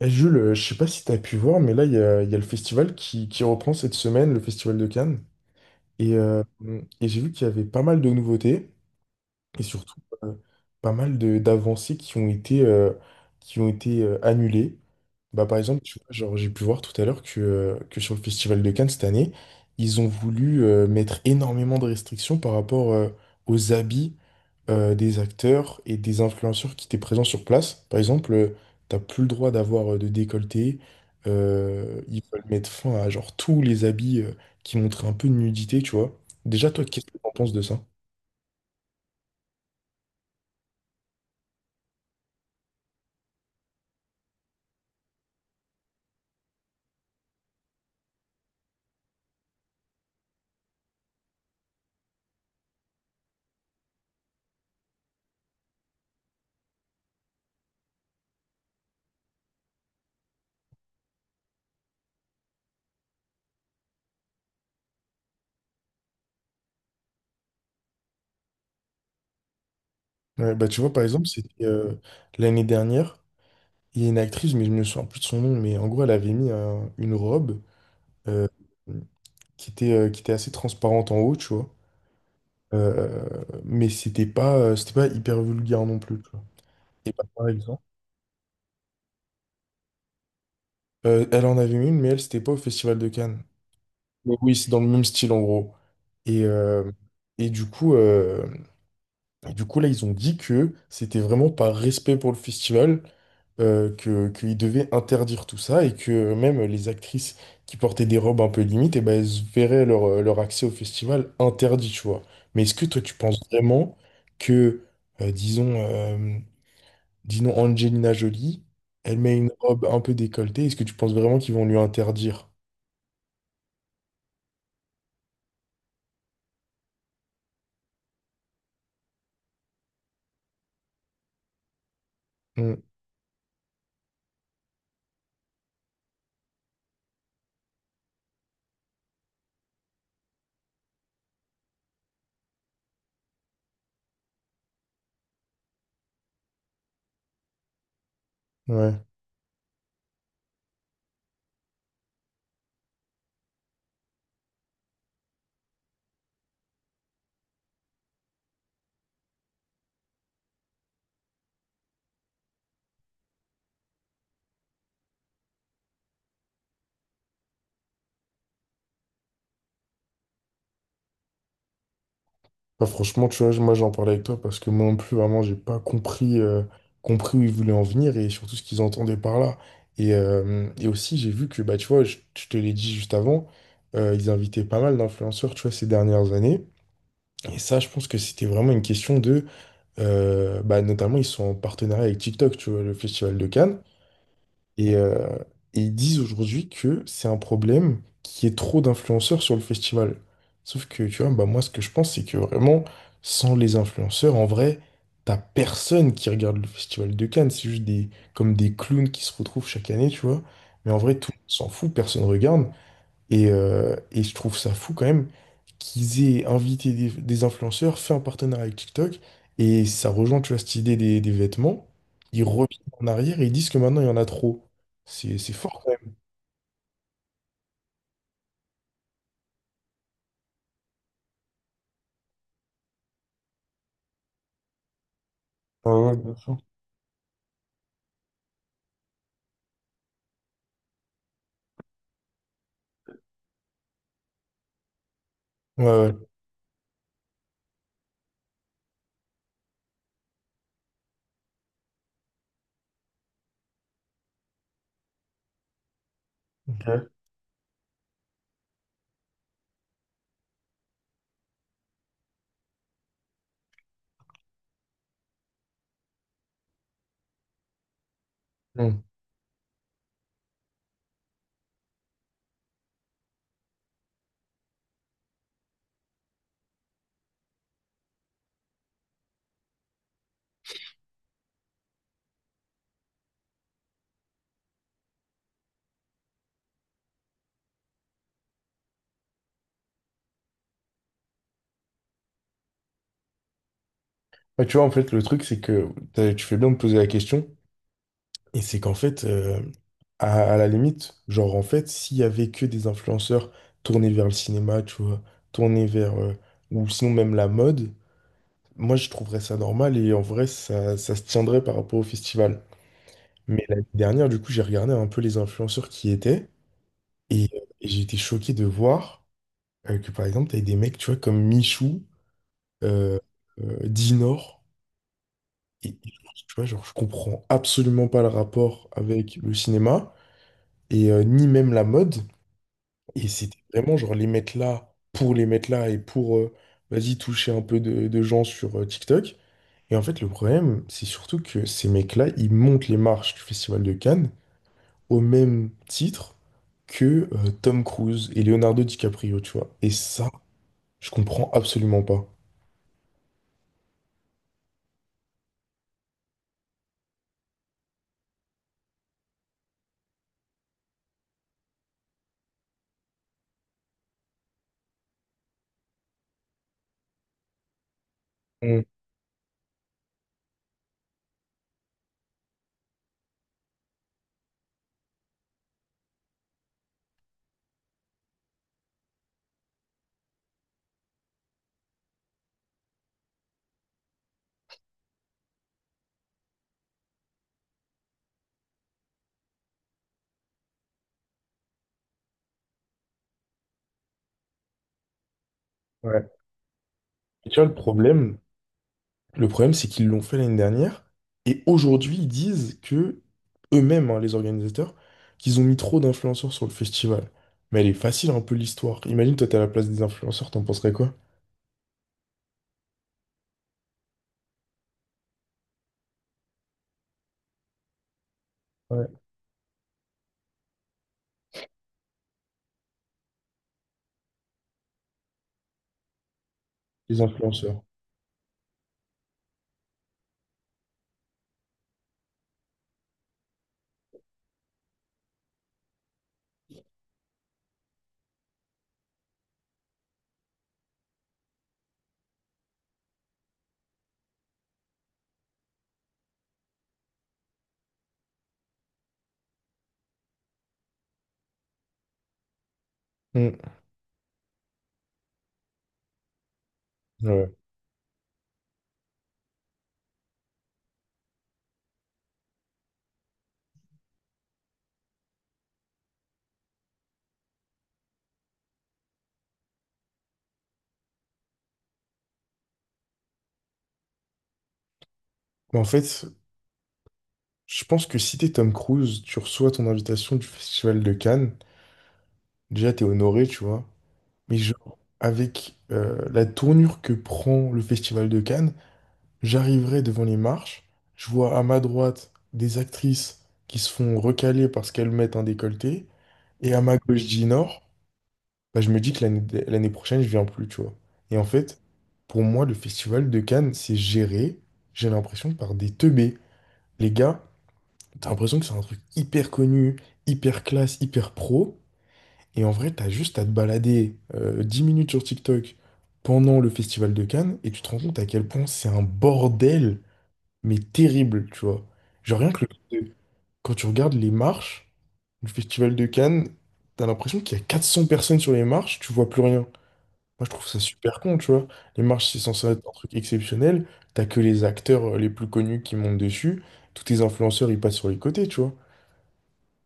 Eh, Jules, je sais pas si tu as pu voir, mais là, il y a le festival qui reprend cette semaine, le festival de Cannes. Et, euh, et j'ai vu qu'il y avait pas mal de nouveautés et surtout pas mal de d'avancées qui ont été annulées. Bah, par exemple, tu vois, genre, j'ai pu voir tout à l'heure que sur le Festival de Cannes cette année, ils ont voulu mettre énormément de restrictions par rapport aux habits des acteurs et des influenceurs qui étaient présents sur place. Par exemple, t'as plus le droit d'avoir de décolleté. Ils veulent mettre fin à genre tous les habits qui montraient un peu de nudité, tu vois. Déjà, toi, qu'est-ce que t'en penses de ça? Ouais, bah, tu vois, par exemple, c'était l'année dernière, il y a une actrice, mais je me souviens plus de son nom, mais en gros, elle avait mis une robe euh, qui était assez transparente en haut, tu vois. Euh, mais c'était pas hyper vulgaire non plus, tu vois. Et bah, par exemple, elle en avait mis une, mais elle, c'était pas au Festival de Cannes. Mais oui, c'est dans le même style, en gros. Et, euh, et du coup, euh, et du coup, là, ils ont dit que c'était vraiment par respect pour le festival que, qu'il devait interdire tout ça et que même les actrices qui portaient des robes un peu limites, et ben, elles verraient leur, leur accès au festival interdit, tu vois. Mais est-ce que toi, tu penses vraiment que, euh, disons, euh, disons Angelina Jolie, elle met une robe un peu décolletée, est-ce que tu penses vraiment qu'ils vont lui interdire? Hmm, ouais. Bah, franchement, tu vois, moi j'en parlais avec toi parce que moi non plus, vraiment, j'ai pas compris, compris où ils voulaient en venir et surtout ce qu'ils entendaient par là. Et aussi, j'ai vu que, bah, tu vois, je te l'ai dit juste avant, ils invitaient pas mal d'influenceurs, tu vois, ces dernières années. Et ça, je pense que c'était vraiment une question bah, notamment, ils sont en partenariat avec TikTok, tu vois, le Festival de Cannes. Et, euh, et ils disent aujourd'hui que c'est un problème qu'il y ait trop d'influenceurs sur le festival. Sauf que, tu vois, bah moi, ce que je pense, c'est que vraiment, sans les influenceurs, en vrai, t'as personne qui regarde le festival de Cannes. C'est juste comme des clowns qui se retrouvent chaque année, tu vois. Mais en vrai, tout le monde s'en fout, personne regarde. Et je trouve ça fou quand même qu'ils aient invité des influenceurs, fait un partenariat avec TikTok, et ça rejoint, tu vois, cette idée des vêtements. Ils reviennent en arrière et ils disent que maintenant, il y en a trop. C'est fort quand même. Ouais, ouais, bien sûr. Ouais, ouais. Ok. Mm. Ouais, tu vois, en fait, le truc, c'est que tu fais bien de poser la question, et c'est qu'en fait, à la limite, genre, en fait, s'il y avait que des influenceurs tournés vers le cinéma, tu vois, tournés vers, euh, ou sinon même la mode. Moi, je trouverais ça normal et en vrai, ça se tiendrait par rapport au festival. Mais l'année dernière, du coup, j'ai regardé un peu les influenceurs qui y étaient et j'ai été choqué de voir que, par exemple, t'avais des mecs, tu vois, comme Michou, euh, Dinor. Et tu vois, genre, je comprends absolument pas le rapport avec le cinéma et ni même la mode. Et c'était vraiment, genre, les mettre là pour les mettre là et pour, vas-y, toucher un peu de gens sur TikTok. Et en fait, le problème, c'est surtout que ces mecs-là, ils montent les marches du Festival de Cannes au même titre que Tom Cruise et Leonardo DiCaprio, tu vois. Et ça, je comprends absolument pas. Mm, ouais. Et tu vois, le problème, c'est qu'ils l'ont fait l'année dernière et aujourd'hui, ils disent que eux-mêmes, hein, les organisateurs, qu'ils ont mis trop d'influenceurs sur le festival. Mais elle est facile un peu l'histoire. Imagine, toi, t'es à la place des influenceurs, t'en penserais quoi? Ouais. Les influenceurs. Mm, ouais. Mais en fait, je pense que si t'es Tom Cruise, tu reçois ton invitation du Festival de Cannes, déjà t'es honoré, tu vois. Mais genre, avec la tournure que prend le Festival de Cannes, j'arriverai devant les marches, je vois à ma droite des actrices qui se font recaler parce qu'elles mettent un décolleté, et à ma gauche d'Inor, bah, je me dis que l'année prochaine, je viens plus, tu vois. Et en fait, pour moi, le Festival de Cannes, c'est géré, j'ai l'impression, par des teubés. Les gars, t'as l'impression que c'est un truc hyper connu, hyper classe, hyper pro. Et en vrai, t'as juste à te balader 10 minutes sur TikTok pendant le festival de Cannes et tu te rends compte à quel point c'est un bordel, mais terrible, tu vois. Genre rien que le- quand tu regardes les marches du festival de Cannes, t'as l'impression qu'il y a 400 personnes sur les marches, tu vois plus rien. Moi, je trouve ça super con, tu vois. Les marches, c'est censé être un truc exceptionnel. T'as que les acteurs les plus connus qui montent dessus. Tous tes influenceurs, ils passent sur les côtés, tu vois.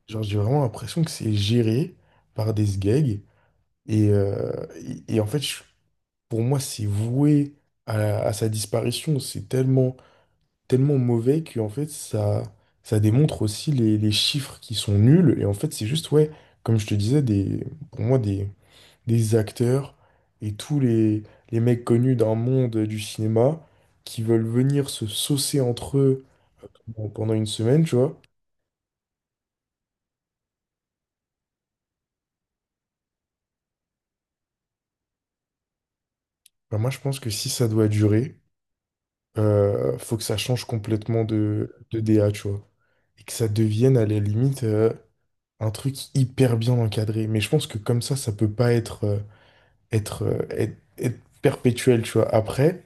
Genre, j'ai vraiment l'impression que c'est géré par des gags. Et, euh, et en fait, pour moi, c'est voué à sa disparition. C'est tellement, tellement mauvais que en fait, ça démontre aussi les chiffres qui sont nuls. Et en fait, c'est juste, ouais, comme je te disais, pour moi, des acteurs et tous les mecs connus d'un monde du cinéma qui veulent venir se saucer entre eux pendant une semaine, tu vois. Bah, moi, je pense que si ça doit durer. Faut que ça change complètement de DA, tu vois. Et que ça devienne à la limite un truc hyper bien encadré. Mais je pense que comme ça peut pas être perpétuel, tu vois. Après,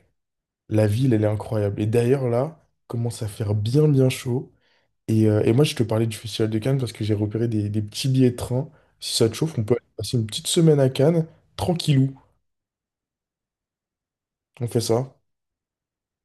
la ville, elle est incroyable. Et d'ailleurs, là, commence à faire bien, bien chaud. Et moi, je te parlais du Festival de Cannes parce que j'ai repéré des petits billets de train. Si ça te chauffe, on peut aller passer une petite semaine à Cannes, tranquillou. On fait ça.